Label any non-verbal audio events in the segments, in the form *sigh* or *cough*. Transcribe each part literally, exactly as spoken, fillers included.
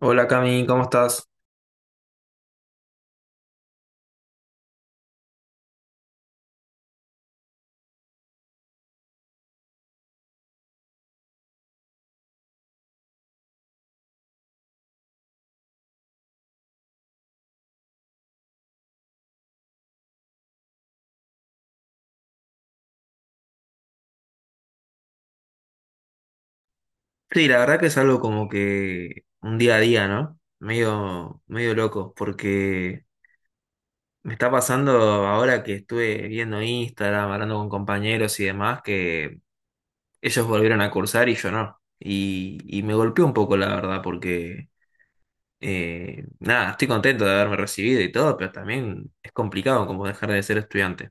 Hola Cami, ¿cómo estás? Sí, la verdad que es algo como que un día a día, ¿no? Medio, medio loco, porque me está pasando ahora que estuve viendo Instagram, hablando con compañeros y demás, que ellos volvieron a cursar y yo no. Y, y me golpeó un poco, la verdad, porque eh, nada, estoy contento de haberme recibido y todo, pero también es complicado como dejar de ser estudiante.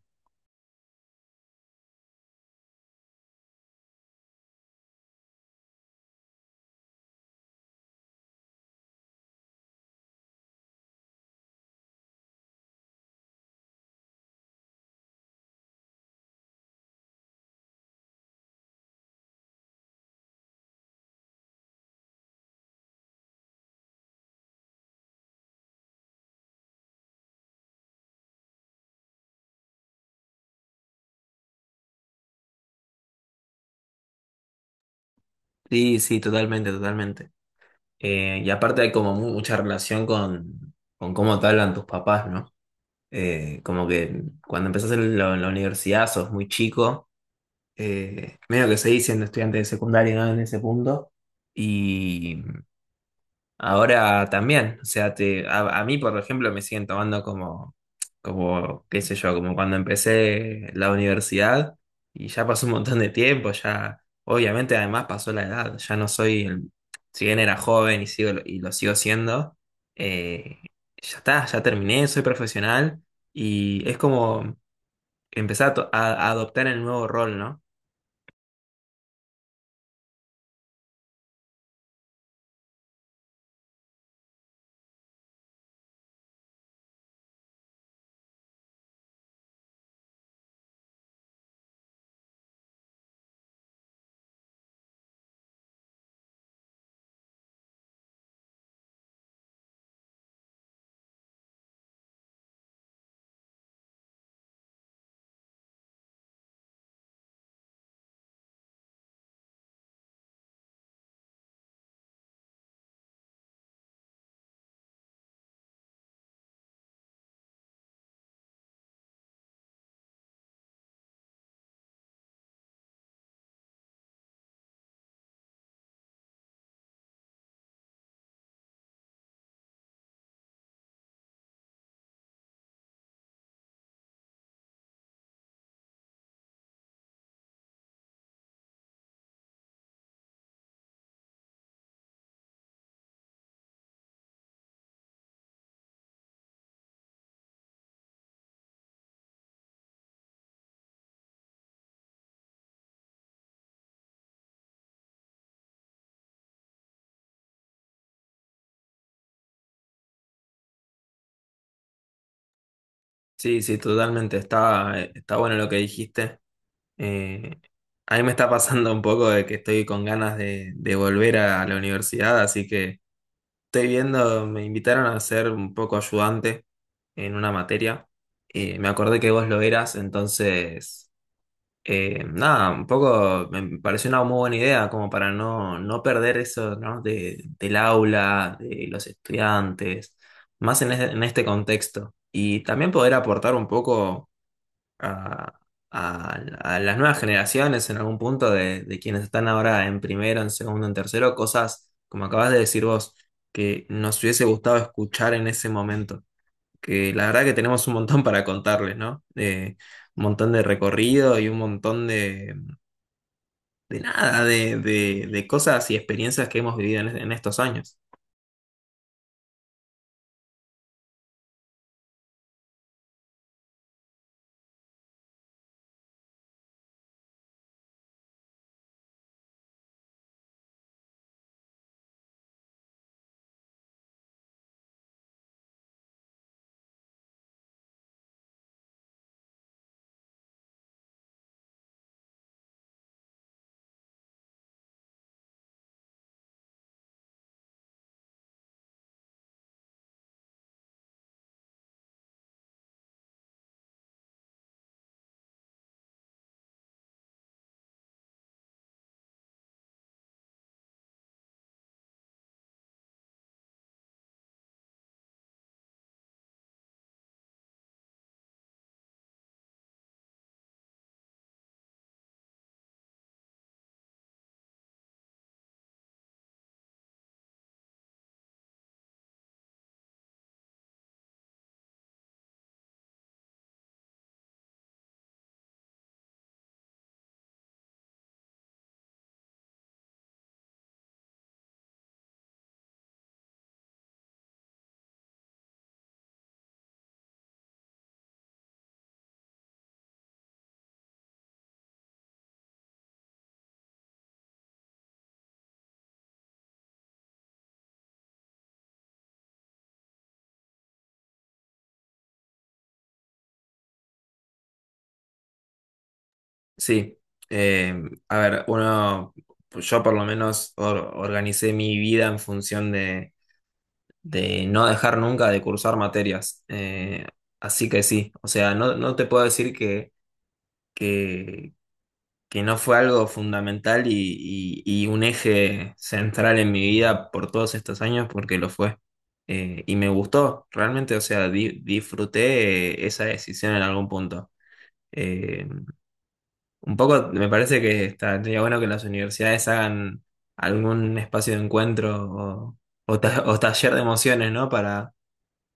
Sí, sí, totalmente, totalmente. Eh, y aparte hay como mu- mucha relación con, con cómo te hablan tus papás, ¿no? Eh, como que cuando empezás en la, en la universidad sos muy chico, eh, medio que seguís siendo estudiante de secundaria, ¿no? En ese punto. y Ahora también, o sea, te, a, a mí, por ejemplo, me siguen tomando como, como, qué sé yo, como cuando empecé la universidad y ya pasó un montón de tiempo, ya, obviamente además pasó la edad, ya no soy, el- si bien era joven y, sigo, y lo sigo siendo, eh, ya está, ya terminé, soy profesional y es como empezar a, to- a- a adoptar el nuevo rol, ¿no? Sí, sí, totalmente, está, está bueno lo que dijiste. Eh, a mí me está pasando un poco de que estoy con ganas de, de volver a la universidad, así que estoy viendo, me invitaron a ser un poco ayudante en una materia. Eh, me acordé que vos lo eras, entonces, eh, nada, un poco me pareció una muy buena idea como para no, no perder eso, ¿no? De- del aula, de los estudiantes, más en este, en este contexto. Y también poder aportar un poco a, a- a las nuevas generaciones en algún punto de, de quienes están ahora en primero, en segundo, en tercero, cosas, como acabas de decir vos, que nos hubiese gustado escuchar en ese momento. Que la verdad que tenemos un montón para contarles, ¿no? Eh, un montón de recorrido y un montón de, de nada, de, de- de cosas y experiencias que hemos vivido en, en estos años. Sí, eh, a ver, uno, yo por lo menos or- organicé mi vida en función de de no dejar nunca de cursar materias. Eh, así que sí, o sea, no, no te puedo decir que, que, que no fue algo fundamental y, y- y un eje central en mi vida por todos estos años, porque lo fue. Eh, y me gustó, realmente, o sea, di- disfruté eh, esa decisión en algún punto. Eh, un poco me parece que estaría bueno que las universidades hagan algún espacio de encuentro o, o ta- o taller de emociones, ¿no?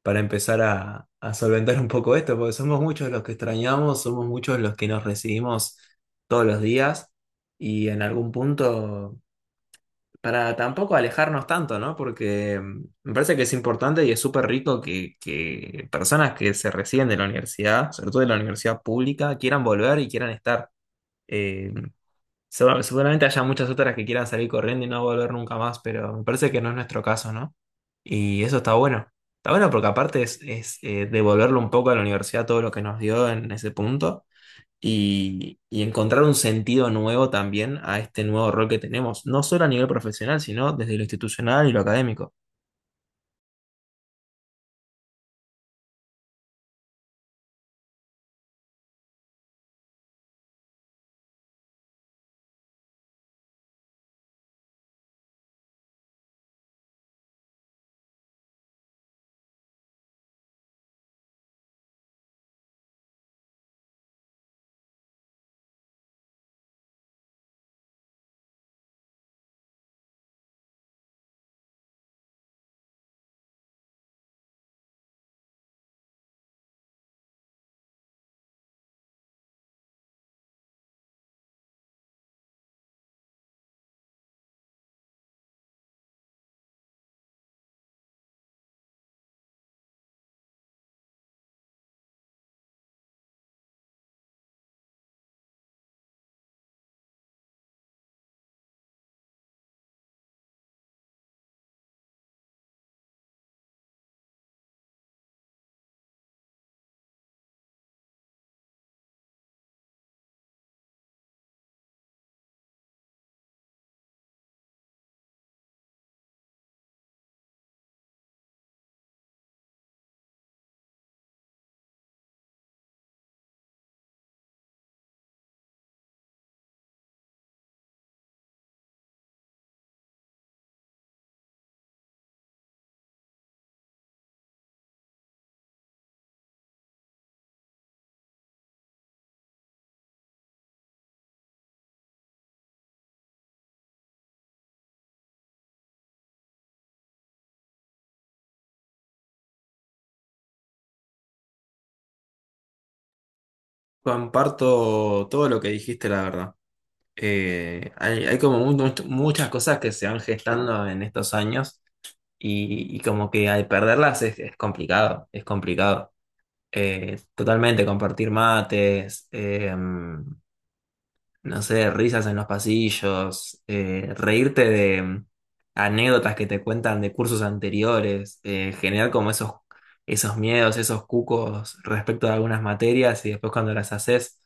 Para empezar a, a solventar un poco esto, porque somos muchos los que extrañamos, somos muchos los que nos recibimos todos los días y en algún punto, para tampoco alejarnos tanto, ¿no? Porque mm, me parece que es importante y es súper rico que, que personas que se reciben de la universidad, sobre todo de la universidad pública, quieran volver y quieran estar. Eh, Segura- Seguramente haya muchas otras que quieran salir corriendo y no volver nunca más, pero me parece que no es nuestro caso, ¿no? Y eso está bueno. Está bueno porque aparte es, es, eh, devolverle un poco a la universidad todo lo que nos dio en ese punto y, y encontrar un sentido nuevo también a este nuevo rol que tenemos, no solo a nivel profesional, sino desde lo institucional y lo académico. Comparto todo lo que dijiste, la verdad. Eh, hay, hay como mu- mu- muchas cosas que se van gestando en estos años. Y, y como que al perderlas es, es complicado, es complicado. Eh, totalmente, compartir mates, eh, no sé, risas en los pasillos, eh, reírte de anécdotas que te cuentan de cursos anteriores, eh, generar como esos, esos miedos, esos cucos respecto de algunas materias y después cuando las haces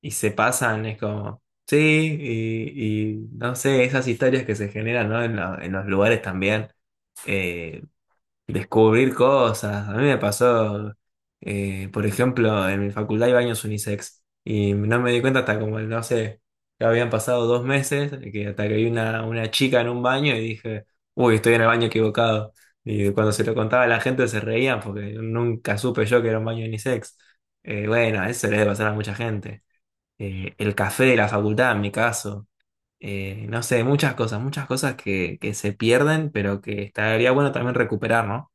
y se pasan es como, sí, y, y no sé, esas historias que se generan, ¿no? En, la- en los lugares también eh, descubrir cosas. A mí me pasó, eh, por ejemplo, en mi facultad hay baños unisex y no me di cuenta hasta como, no sé, ya habían pasado dos meses, que hasta que vi una, una chica en un baño y dije, uy, estoy en el baño equivocado. Y cuando se lo contaba a la gente se reían porque nunca supe yo que era un baño unisex. Eh, bueno, eso le debe pasar a mucha gente. Eh, el café de la facultad, en mi caso. Eh, no sé, muchas cosas, muchas cosas que, que se pierden, pero que estaría bueno también recuperar, ¿no?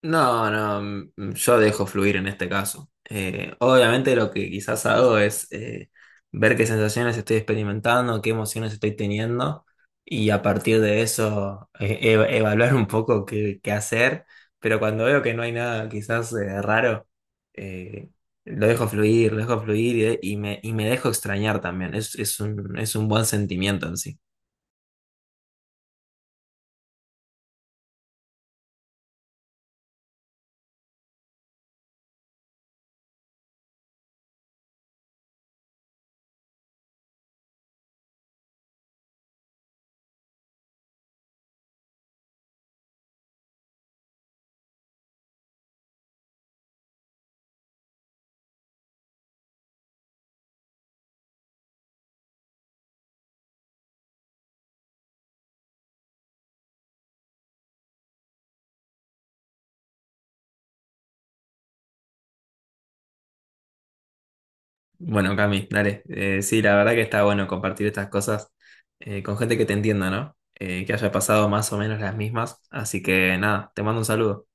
No, no, mm, mm, yo dejo fluir en este caso. Eh, obviamente lo que quizás hago es eh, ver qué sensaciones estoy experimentando, qué emociones estoy teniendo y a partir de eso eh, eva- evaluar *laughs* un poco qué, qué hacer, pero cuando veo que no hay nada quizás eh, raro, eh, lo dejo fluir, lo dejo fluir y, y me, y me dejo extrañar también. Es, es un, es un buen sentimiento en sí. Bueno, Cami, dale. Eh, sí, la verdad que está bueno compartir estas cosas eh, con gente que te entienda, ¿no? Eh, que haya pasado más o menos las mismas. Así que nada, te mando un saludo.